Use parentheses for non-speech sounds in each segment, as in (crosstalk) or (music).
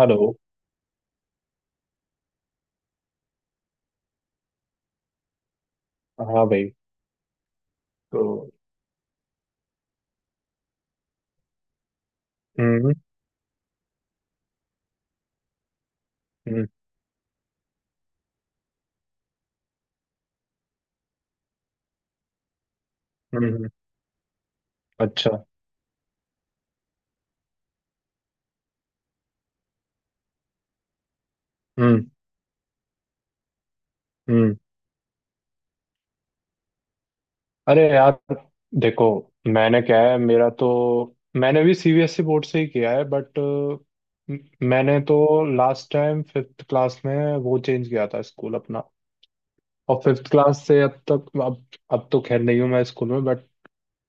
Hello. हाँ भाई। तो हम्म हम्म हम्म हम्म, अच्छा। हम्म हम्म। अरे यार देखो, मैंने क्या है मेरा तो मैंने भी सीबीएसई बोर्ड से ही किया है बट मैंने तो लास्ट टाइम फिफ्थ क्लास में वो चेंज किया था स्कूल अपना। और फिफ्थ क्लास से अब तक अब तो खैर नहीं हूँ मैं स्कूल में, बट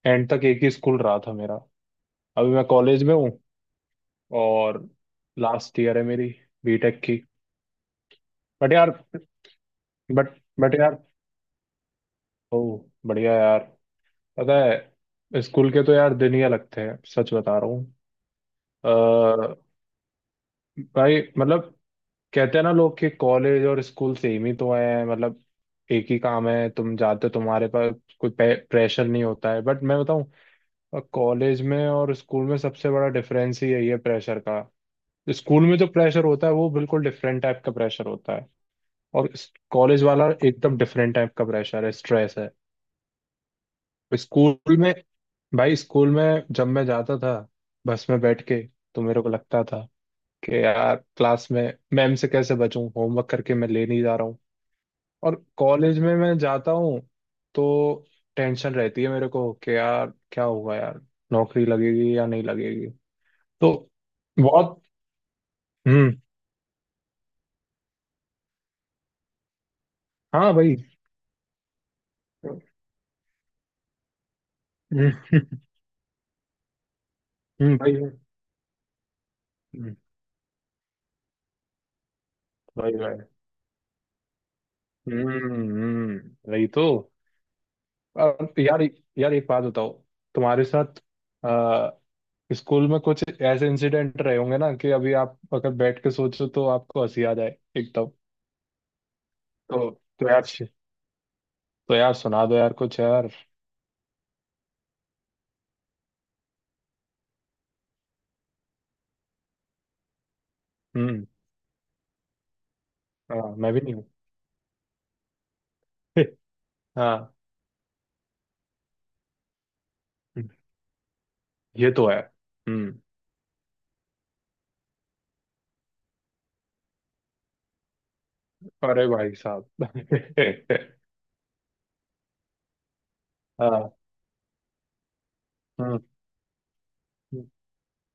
एंड तक एक ही स्कूल रहा था मेरा। अभी मैं कॉलेज में हूँ, और लास्ट ईयर है मेरी बीटेक की। बट यार बट बट यार ओह, बढ़िया यार। पता है, स्कूल के तो यार दिन ही अलग थे, सच बता रहा हूँ। अ, भाई मतलब, कहते हैं ना लोग कि कॉलेज और स्कूल सेम ही तो है, मतलब एक ही काम है, तुम जाते हो, तुम्हारे पास कोई प्रेशर नहीं होता है, बट मैं बताऊँ, कॉलेज में और स्कूल में सबसे बड़ा डिफरेंस ही यही है, प्रेशर का। स्कूल में जो प्रेशर होता है वो बिल्कुल डिफरेंट टाइप का प्रेशर होता है, और कॉलेज वाला एकदम डिफरेंट टाइप का प्रेशर है, स्ट्रेस है। स्कूल में, भाई स्कूल में जब मैं जाता था बस में बैठ के, तो मेरे को लगता था कि यार क्लास में मैम से कैसे बचूं, होमवर्क करके मैं ले नहीं जा रहा हूँ। और कॉलेज में मैं जाता हूँ तो टेंशन रहती है मेरे को, कि यार क्या होगा यार, नौकरी लगेगी या नहीं लगेगी। तो बहुत। हम्म। हाँ भाई। हम्म। (laughs) भाई। हम्म, भाई भाई। वही तो। और यार, यार एक बात बताओ, तुम्हारे साथ आ, स्कूल में कुछ ऐसे इंसिडेंट रहे होंगे ना कि अभी आप अगर बैठ के सोचो तो आपको हंसी आ जाए एकदम। तो तो यार तो यार, सुना दो यार कुछ यार। हम्म। हाँ मैं भी नहीं हूँ। (laughs) हाँ, ये तो है। हम्म। अरे भाई साहब। (laughs) हाँ। हम्म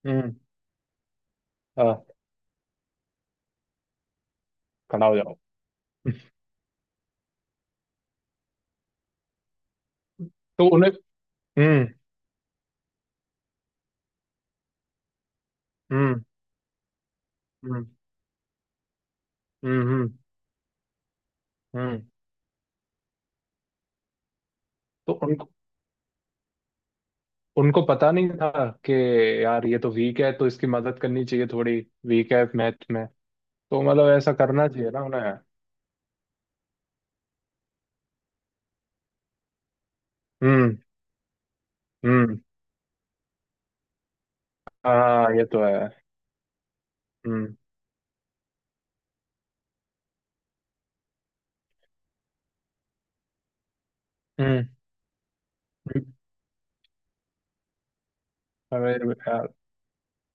हम्म। हाँ, खड़ा हो जाओ। (laughs) तो उन्हें। हम्म हम्म हम्म हम्म हम्म हम्म। तो उन उनको पता नहीं था कि यार ये तो वीक है, तो इसकी मदद करनी चाहिए थोड़ी, वीक है मैथ में, तो मतलब ऐसा करना चाहिए ना उन्हें। हम्म हम्म। हाँ, ये तो है। हम्म हम्म हम्म, अरे यार।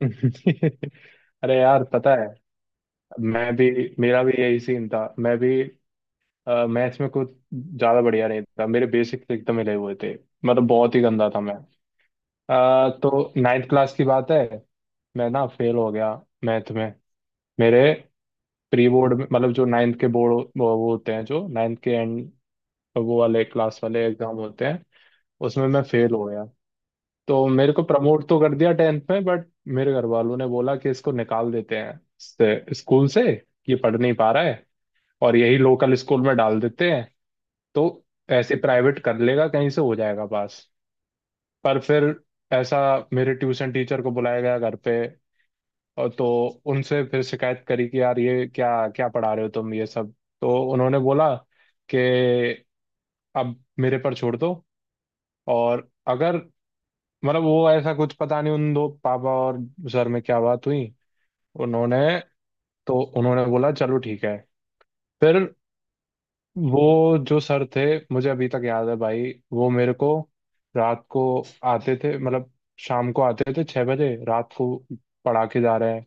(laughs) अरे यार पता है, मैं भी मेरा भी यही सीन था। मैं भी मैथ्स में कुछ ज्यादा बढ़िया नहीं था, मेरे बेसिक्स एकदम हिले हुए थे, मतलब बहुत ही गंदा था मैं। तो नाइन्थ क्लास की बात है, मैं ना फेल हो गया मैथ में। मेरे प्री बोर्ड में, मतलब जो नाइन्थ के बोर्ड वो होते हैं, जो नाइन्थ के एंड वो वाले क्लास वाले एग्जाम होते हैं, उसमें मैं फेल हो गया। तो मेरे को प्रमोट तो कर दिया टेंथ में, बट मेरे घर वालों ने बोला कि इसको निकाल देते हैं स्कूल से, ये पढ़ नहीं पा रहा है, और यही लोकल स्कूल में डाल देते हैं, तो ऐसे प्राइवेट कर लेगा कहीं से, हो जाएगा पास। पर फिर ऐसा, मेरे ट्यूशन टीचर को बुलाया गया घर पे, और तो उनसे फिर शिकायत करी कि यार ये क्या, क्या पढ़ा रहे हो तुम ये सब। तो उन्होंने बोला कि अब मेरे पर छोड़ दो, और अगर, मतलब वो ऐसा कुछ पता नहीं, उन दो, पापा और सर में क्या बात हुई। उन्होंने उन्होंने बोला चलो ठीक है। फिर वो जो सर थे, मुझे अभी तक याद है भाई, वो मेरे को रात को आते थे, मतलब शाम को आते थे 6 बजे, रात को पढ़ा के जा रहे हैं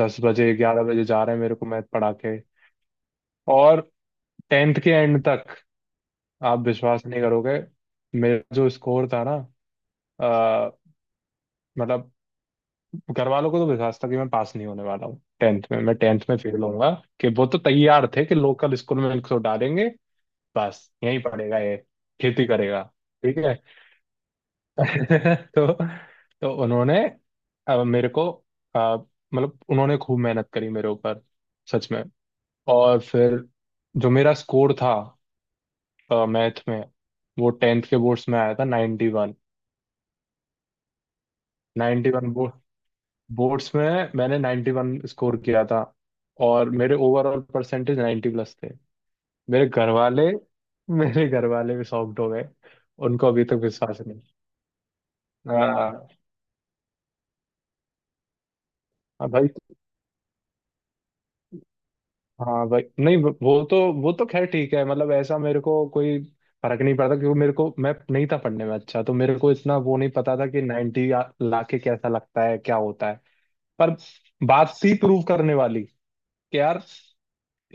10 बजे, 11 बजे जा रहे हैं, मेरे को मैथ पढ़ा के। और टेंथ के एंड तक, आप विश्वास नहीं करोगे मेरा जो स्कोर था ना, आ, मतलब घर वालों को तो विश्वास था कि मैं पास नहीं होने वाला हूँ टेंथ में, मैं टेंथ में फेल होऊंगा, कि वो तो तैयार थे कि लोकल स्कूल में इनको डालेंगे, बस यहीं पढ़ेगा ये, खेती करेगा, ठीक है। (laughs) तो तो उन्होंने मेरे को, अ, मतलब उन्होंने खूब मेहनत करी मेरे ऊपर, सच में। और फिर जो मेरा स्कोर था मैथ में, वो टेंथ के बोर्ड्स में आया था 91। 91 बोर्ड्स में मैंने 91 स्कोर किया था, और मेरे ओवरऑल परसेंटेज 90 प्लस थे। मेरे घर वाले मेरे घर वाले भी शॉक्ड हो गए, उनको अभी तक विश्वास नहीं। हाँ। हाँ भाई। हाँ भाई, नहीं वो तो, वो तो खैर ठीक है, मतलब ऐसा मेरे को कोई फर्क नहीं पड़ता, क्योंकि मेरे को, मैं नहीं था पढ़ने में अच्छा, तो मेरे को इतना वो नहीं पता था कि 90 लाके कैसा लगता है, क्या होता है। पर बात थी प्रूव करने वाली कि यार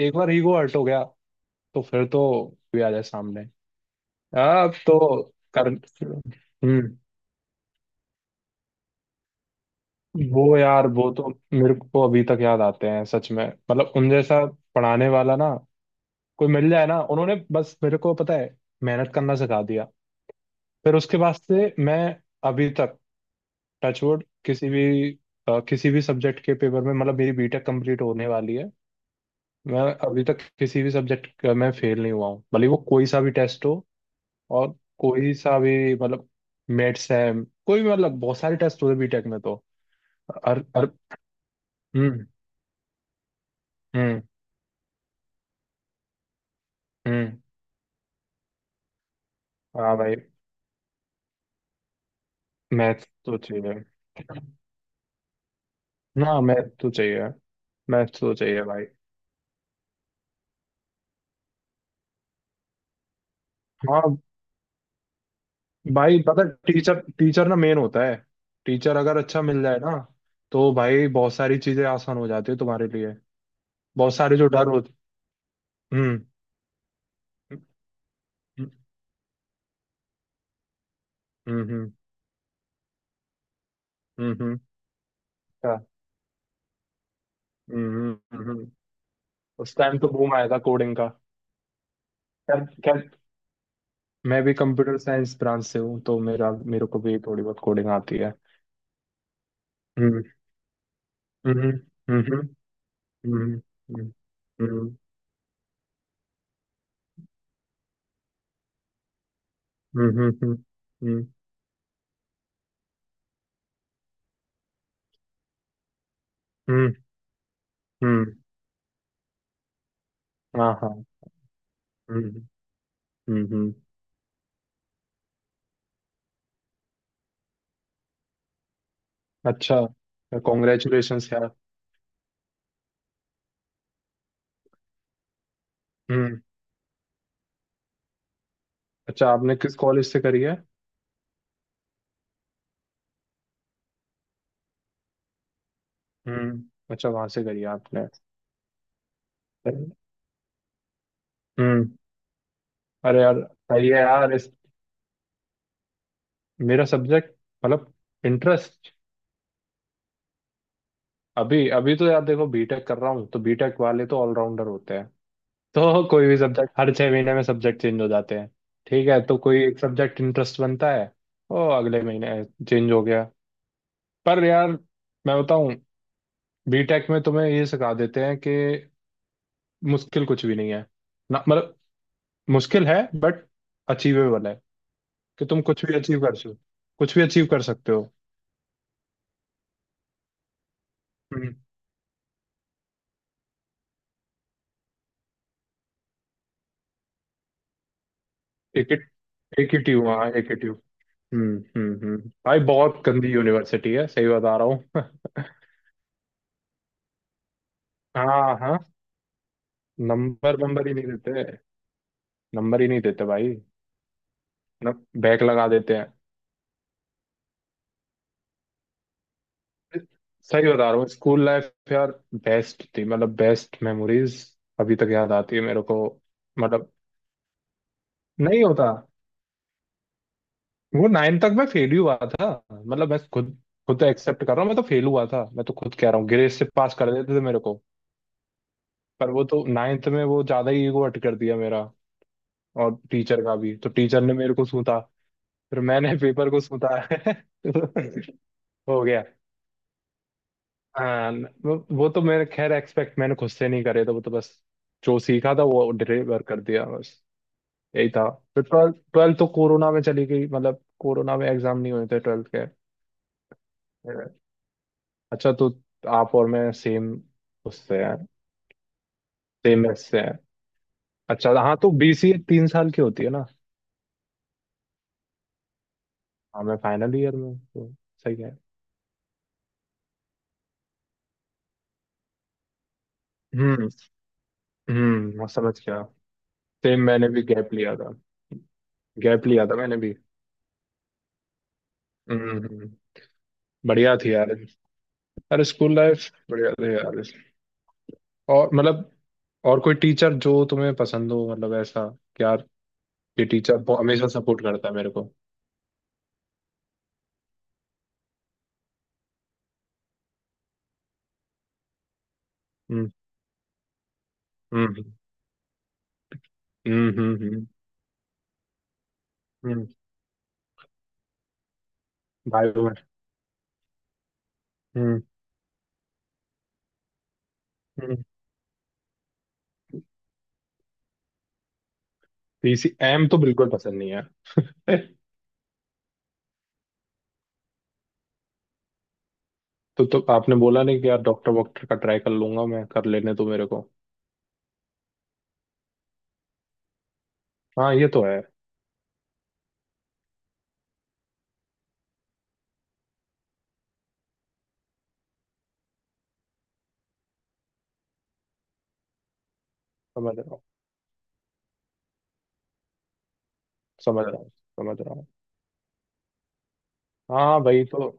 एक बार ईगो हर्ट हो गया तो फिर तो भी आ जाए सामने, अब तो कर। हम्म। वो यार, वो तो मेरे को अभी तक याद आते हैं, सच में। मतलब उन जैसा पढ़ाने वाला ना कोई मिल जाए ना, उन्होंने बस मेरे को, पता है, मेहनत करना सिखा दिया। फिर उसके बाद से मैं, अभी तक टचवुड, किसी भी किसी भी सब्जेक्ट के पेपर में, मतलब मेरी बीटेक कंप्लीट होने वाली है, मैं अभी तक किसी भी सब्जेक्ट का मैं फेल नहीं हुआ हूँ, भले वो कोई सा भी टेस्ट हो, और कोई सा भी, मतलब मेट्स है, कोई भी, मतलब बहुत सारे टेस्ट होते बीटेक में तो। अर अर हम्म हम्म हम्म। हाँ भाई। मैथ तो चाहिए, ना मैथ तो चाहिए, मैथ तो चाहिए भाई। हाँ भाई, पता, टीचर, टीचर ना मेन होता है। टीचर अगर अच्छा मिल जाए ना, तो भाई बहुत सारी चीजें आसान हो जाती है तुम्हारे लिए, बहुत सारे जो डर होते। हम्म हम्म हम्म हम्म। हम्म। अच्छा। हम्म हम्म। उस टाइम तो बूम आया था कोडिंग का। खैर खैर। मैं भी कंप्यूटर साइंस ब्रांच से हूँ तो मेरा मेरे को भी थोड़ी बहुत कोडिंग आती है। हम्म हम्म हम्म हम्म हम्म हम्म हम्म हम्म हम्म हम्म हम्म, हाँ हाँ। हम्म हम्म हम्म। अच्छा। कॉन्ग्रेचुलेशंस यार। हम्म। अच्छा, आपने किस कॉलेज से करी है। हम्म। अच्छा, वहां से करी है आपने। हम्म। अरे यार, सही है यार। मेरा सब्जेक्ट मतलब इंटरेस्ट अभी अभी तो यार देखो, बीटेक कर रहा हूँ तो बीटेक वाले तो ऑलराउंडर होते हैं, तो कोई भी सब्जेक्ट, हर 6 महीने में सब्जेक्ट चेंज हो जाते हैं, ठीक है, तो कोई एक सब्जेक्ट इंटरेस्ट बनता है, वो अगले महीने चेंज हो गया। पर यार मैं बताऊं, बीटेक में तुम्हें ये सिखा देते हैं कि मुश्किल कुछ भी नहीं है, ना मतलब मुश्किल है बट अचीवेबल है, कि तुम कुछ भी अचीव कर सकते हो, कुछ भी अचीव कर सकते हो। हम्म। एक ही एक ही ट्यू हाँ एक ही। हम्म। भाई बहुत गंदी यूनिवर्सिटी है, सही बता रहा हूँ। (laughs) हाँ हाँ। नंबर नंबर ही नहीं देते, नंबर ही नहीं देते भाई। न बैक लगा देते हैं। सही बता रहा हूँ, स्कूल लाइफ यार बेस्ट थी, मतलब बेस्ट मेमोरीज अभी तक याद आती है मेरे को। मतलब नहीं होता। वो नाइन तक मैं फेल ही हुआ था, मतलब मैं खुद खुद एक्सेप्ट कर रहा हूँ, मैं तो फेल हुआ था, मैं तो खुद कह रहा हूँ, ग्रेड से पास कर देते थे मेरे को। पर वो तो नाइन्थ में वो ज्यादा ही ईगो हर्ट कर दिया मेरा, और टीचर का भी। तो टीचर ने मेरे को सूता, फिर मैंने (laughs) पेपर को सूता। (laughs) हो गया। हाँ वो तो मैंने खैर, एक्सपेक्ट मैंने खुद से नहीं करे थे, वो तो बस जो सीखा था वो डिलीवर कर दिया बस, यही था। फिर ट्वेल्थ ट्वेल्थ तो कोरोना में चली गई, मतलब कोरोना में एग्जाम नहीं हुए थे ट्वेल्थ के। अच्छा, तो आप और मैं सेम उससे हैं, सेम मैच से हैं। अच्छा, हाँ तो बीसीए 3 साल की होती है ना, हाँ मैं फाइनल ईयर में हूँ, तो। सही है। हम्म हम्म, मैं समझ गया, सेम मैंने भी गैप लिया था, गैप लिया था मैंने भी। हम्म हम्म। बढ़िया थी यार। अरे स्कूल लाइफ बढ़िया थी यार। और मतलब, और कोई टीचर जो तुम्हें पसंद हो, मतलब ऐसा कि यार ये टीचर हमेशा सपोर्ट करता है मेरे को। हम्म हम्म हम्म हम्म हम्म, हम्म। हम्म, भाई बहन। हम्म हम्म। पीसी एम तो बिल्कुल पसंद नहीं है। ए, तो आपने बोला नहीं कि यार डॉक्टर वॉक्टर का ट्राई कर लूंगा, मैं कर लेने तो मेरे को। हाँ ये तो है। समझ रहा हूँ, समझ रहा हूँ, समझ रहा हूँ। हाँ भाई तो,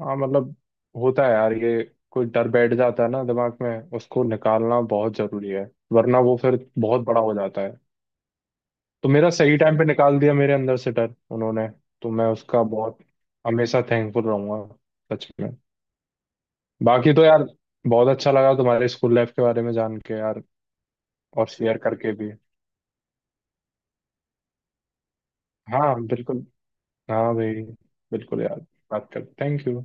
हाँ मतलब, होता है यार ये, कोई डर बैठ जाता है ना दिमाग में, उसको निकालना बहुत जरूरी है, वरना वो फिर बहुत बड़ा हो जाता है। तो मेरा सही टाइम पे निकाल दिया मेरे अंदर से डर उन्होंने, तो मैं उसका बहुत हमेशा थैंकफुल रहूंगा, सच में। बाकी तो यार, बहुत अच्छा लगा तुम्हारे स्कूल लाइफ के बारे में जान के यार, और शेयर करके भी। हाँ बिल्कुल। हाँ भाई। बिल्कुल यार। बात कर थैंक यू।